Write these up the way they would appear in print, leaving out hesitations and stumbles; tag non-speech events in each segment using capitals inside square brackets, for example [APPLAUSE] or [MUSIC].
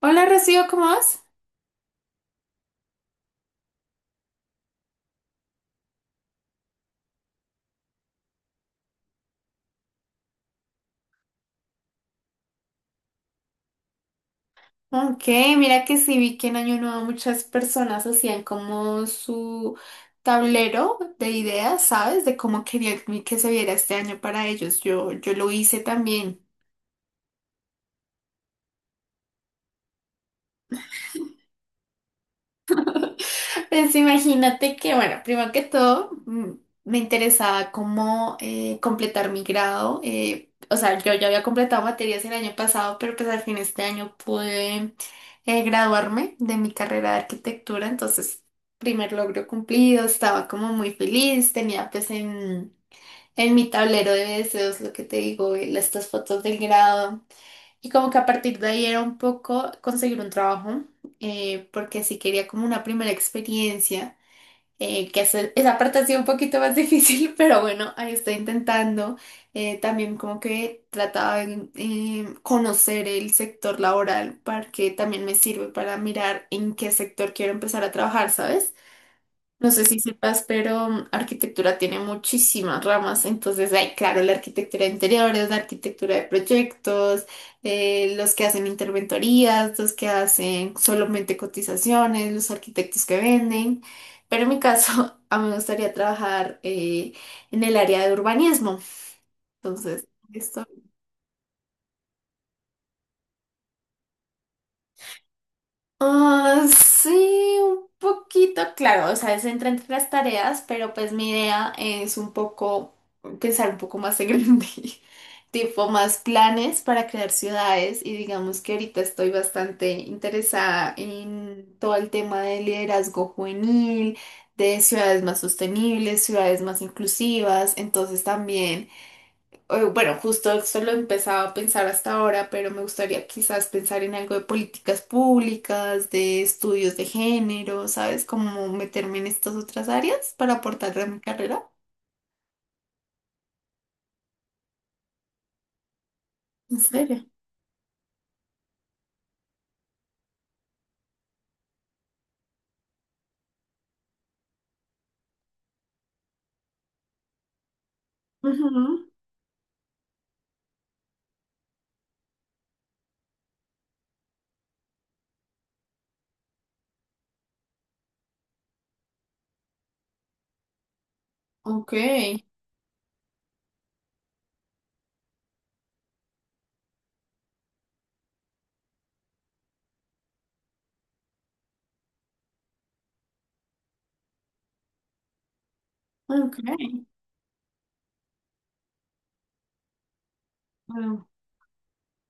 Hola Rocío, ¿cómo vas? Ok, mira que sí vi que en Año Nuevo muchas personas hacían como su tablero de ideas, ¿sabes? De cómo querían que se viera este año para ellos. Yo lo hice también. Pues imagínate que, bueno, primero que todo, me interesaba cómo completar mi grado. O sea, yo ya había completado materias el año pasado, pero pues al fin este año pude graduarme de mi carrera de arquitectura. Entonces, primer logro cumplido, estaba como muy feliz, tenía pues en mi tablero de deseos lo que te digo, estas fotos del grado. Y como que a partir de ahí era un poco conseguir un trabajo, porque sí quería como una primera experiencia que esa parte ha sido un poquito más [LAUGHS] difícil, pero bueno, ahí estoy intentando. También como que trataba de conocer el sector laboral, para que también me sirve para mirar en qué sector quiero empezar a trabajar, ¿sabes? No sé si sepas, pero arquitectura tiene muchísimas ramas. Entonces, hay, claro, la arquitectura de interiores, la arquitectura de proyectos, los que hacen interventorías, los que hacen solamente cotizaciones, los arquitectos que venden. Pero en mi caso, [LAUGHS] a mí me gustaría trabajar en el área de urbanismo. Entonces, esto. Ah, sí, un poquito, claro, o sea, es entra entre las tareas, pero pues mi idea es un poco pensar un poco más en grande, [LAUGHS] tipo más planes para crear ciudades y digamos que ahorita estoy bastante interesada en todo el tema de liderazgo juvenil, de ciudades más sostenibles, ciudades más inclusivas, entonces también bueno, justo eso lo he empezado a pensar hasta ahora, pero me gustaría quizás pensar en algo de políticas públicas, de estudios de género, ¿sabes? Como meterme en estas otras áreas para aportar a mi carrera. ¿En serio? Ujú. Ok, ok, bueno,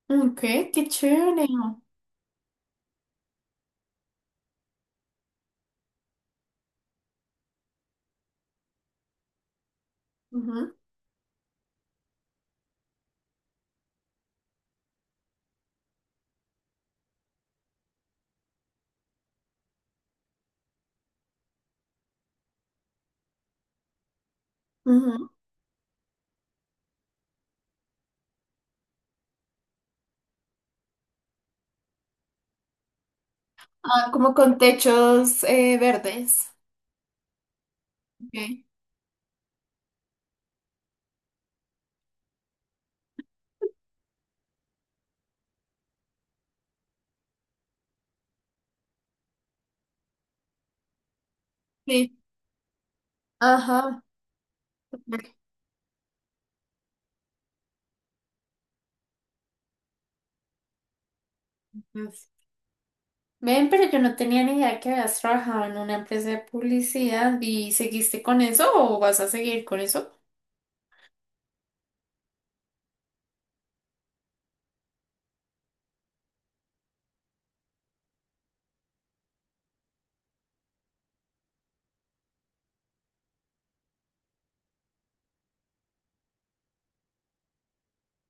ok, qué chévere. Ujú, ujú. Ah, como con techos verdes. Ok, sí. Ajá. Ven, pero yo no tenía ni idea que habías trabajado en una empresa de publicidad y ¿seguiste con eso o vas a seguir con eso?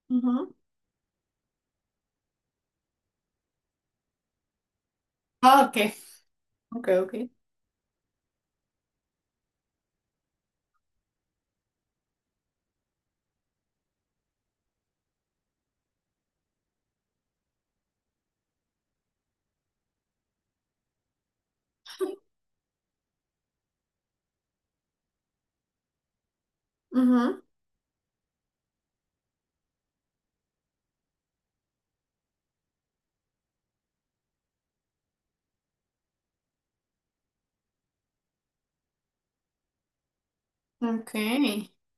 Ujú. Ah, ok, ok, ok. Ujú. Ok, [LAUGHS]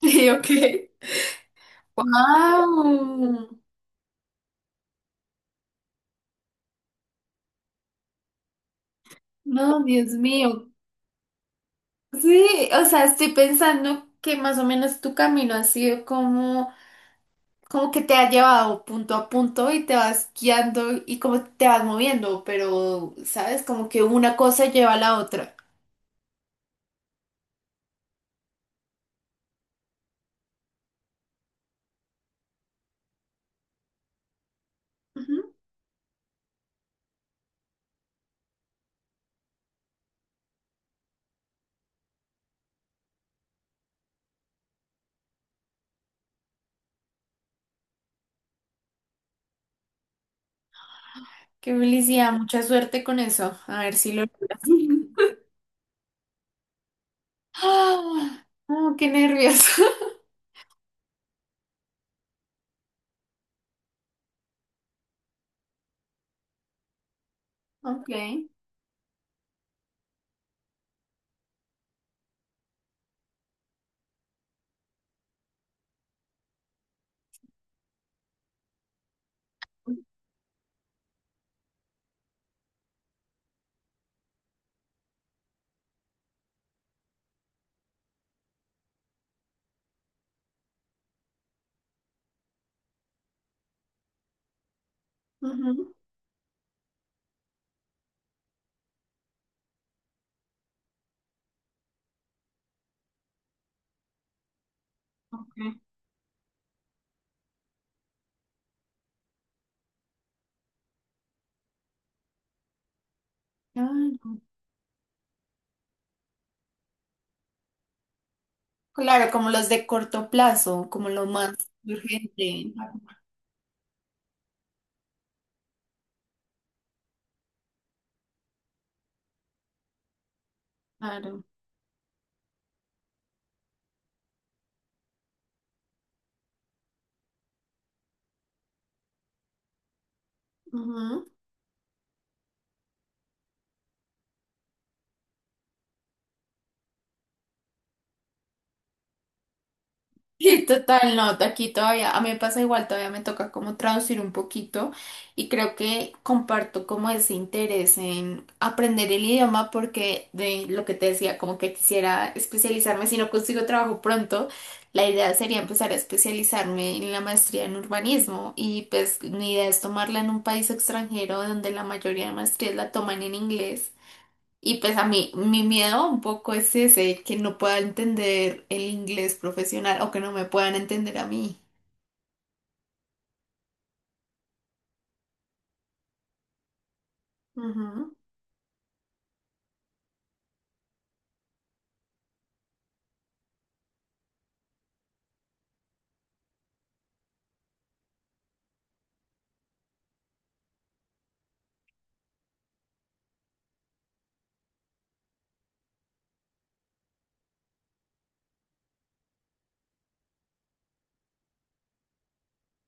sí, ok. Wow, no, Dios mío. Sí, o sea, estoy pensando que más o menos tu camino ha sido como, como que te ha llevado punto a punto y te vas guiando y como te vas moviendo, pero, ¿sabes? Como que una cosa lleva a la otra. Qué felicidad, mucha suerte con eso. A ver si lo logras. [LAUGHS] Ah, oh, qué nervioso. [LAUGHS] Ok. Ujú. Ok. Claro. Claro, como los de corto plazo, como lo más urgente. Claro. Ujú. [LAUGHS] Sí, total, no, aquí todavía, a mí me pasa igual, todavía me toca como traducir un poquito y creo que comparto como ese interés en aprender el idioma porque de lo que te decía, como que quisiera especializarme, si no consigo trabajo pronto, la idea sería empezar a especializarme en la maestría en urbanismo y pues mi idea es tomarla en un país extranjero donde la mayoría de maestrías la toman en inglés. Y pues a mí, mi miedo un poco es ese, que no pueda entender el inglés profesional o que no me puedan entender a mí. Ujú,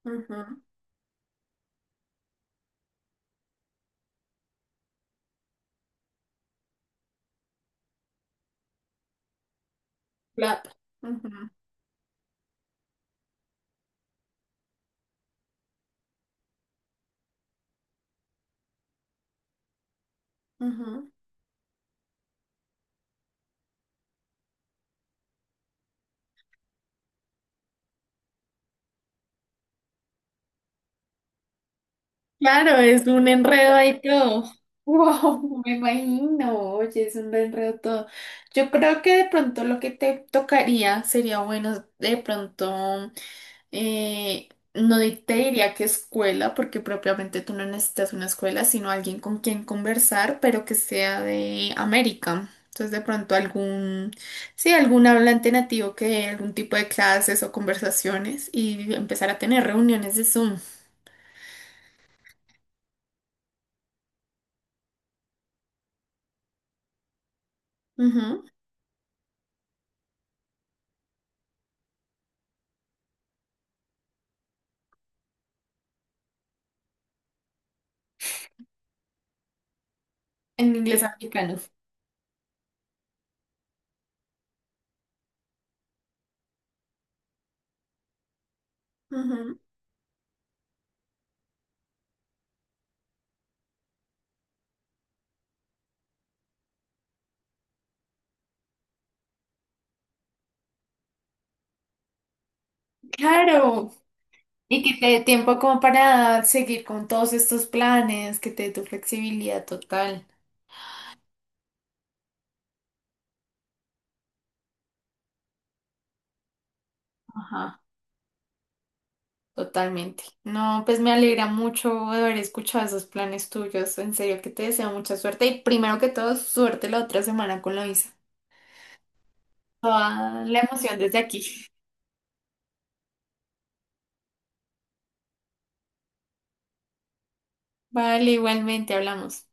ujú, claro. Ujú, ujú. Claro, es un enredo ahí todo. Wow, [LAUGHS] me imagino, oye, es un enredo todo. Yo creo que de pronto lo que te tocaría sería bueno, de pronto. Eh, no di- Te diría que escuela, porque propiamente tú no necesitas una escuela, sino alguien con quien conversar, pero que sea de América. Entonces, de pronto algún, sí, algún hablante nativo que dé algún tipo de clases o conversaciones y empezar a tener reuniones de Zoom. Ujú. En inglés americano. Ujú. Claro. Y que te dé tiempo como para seguir con todos estos planes, que te dé tu flexibilidad total. Ajá. Totalmente. No, pues me alegra mucho haber escuchado esos planes tuyos. En serio que te deseo mucha suerte y primero que todo, suerte la otra semana con la visa. Toda la emoción desde aquí. [LAUGHS] Vale, igualmente hablamos.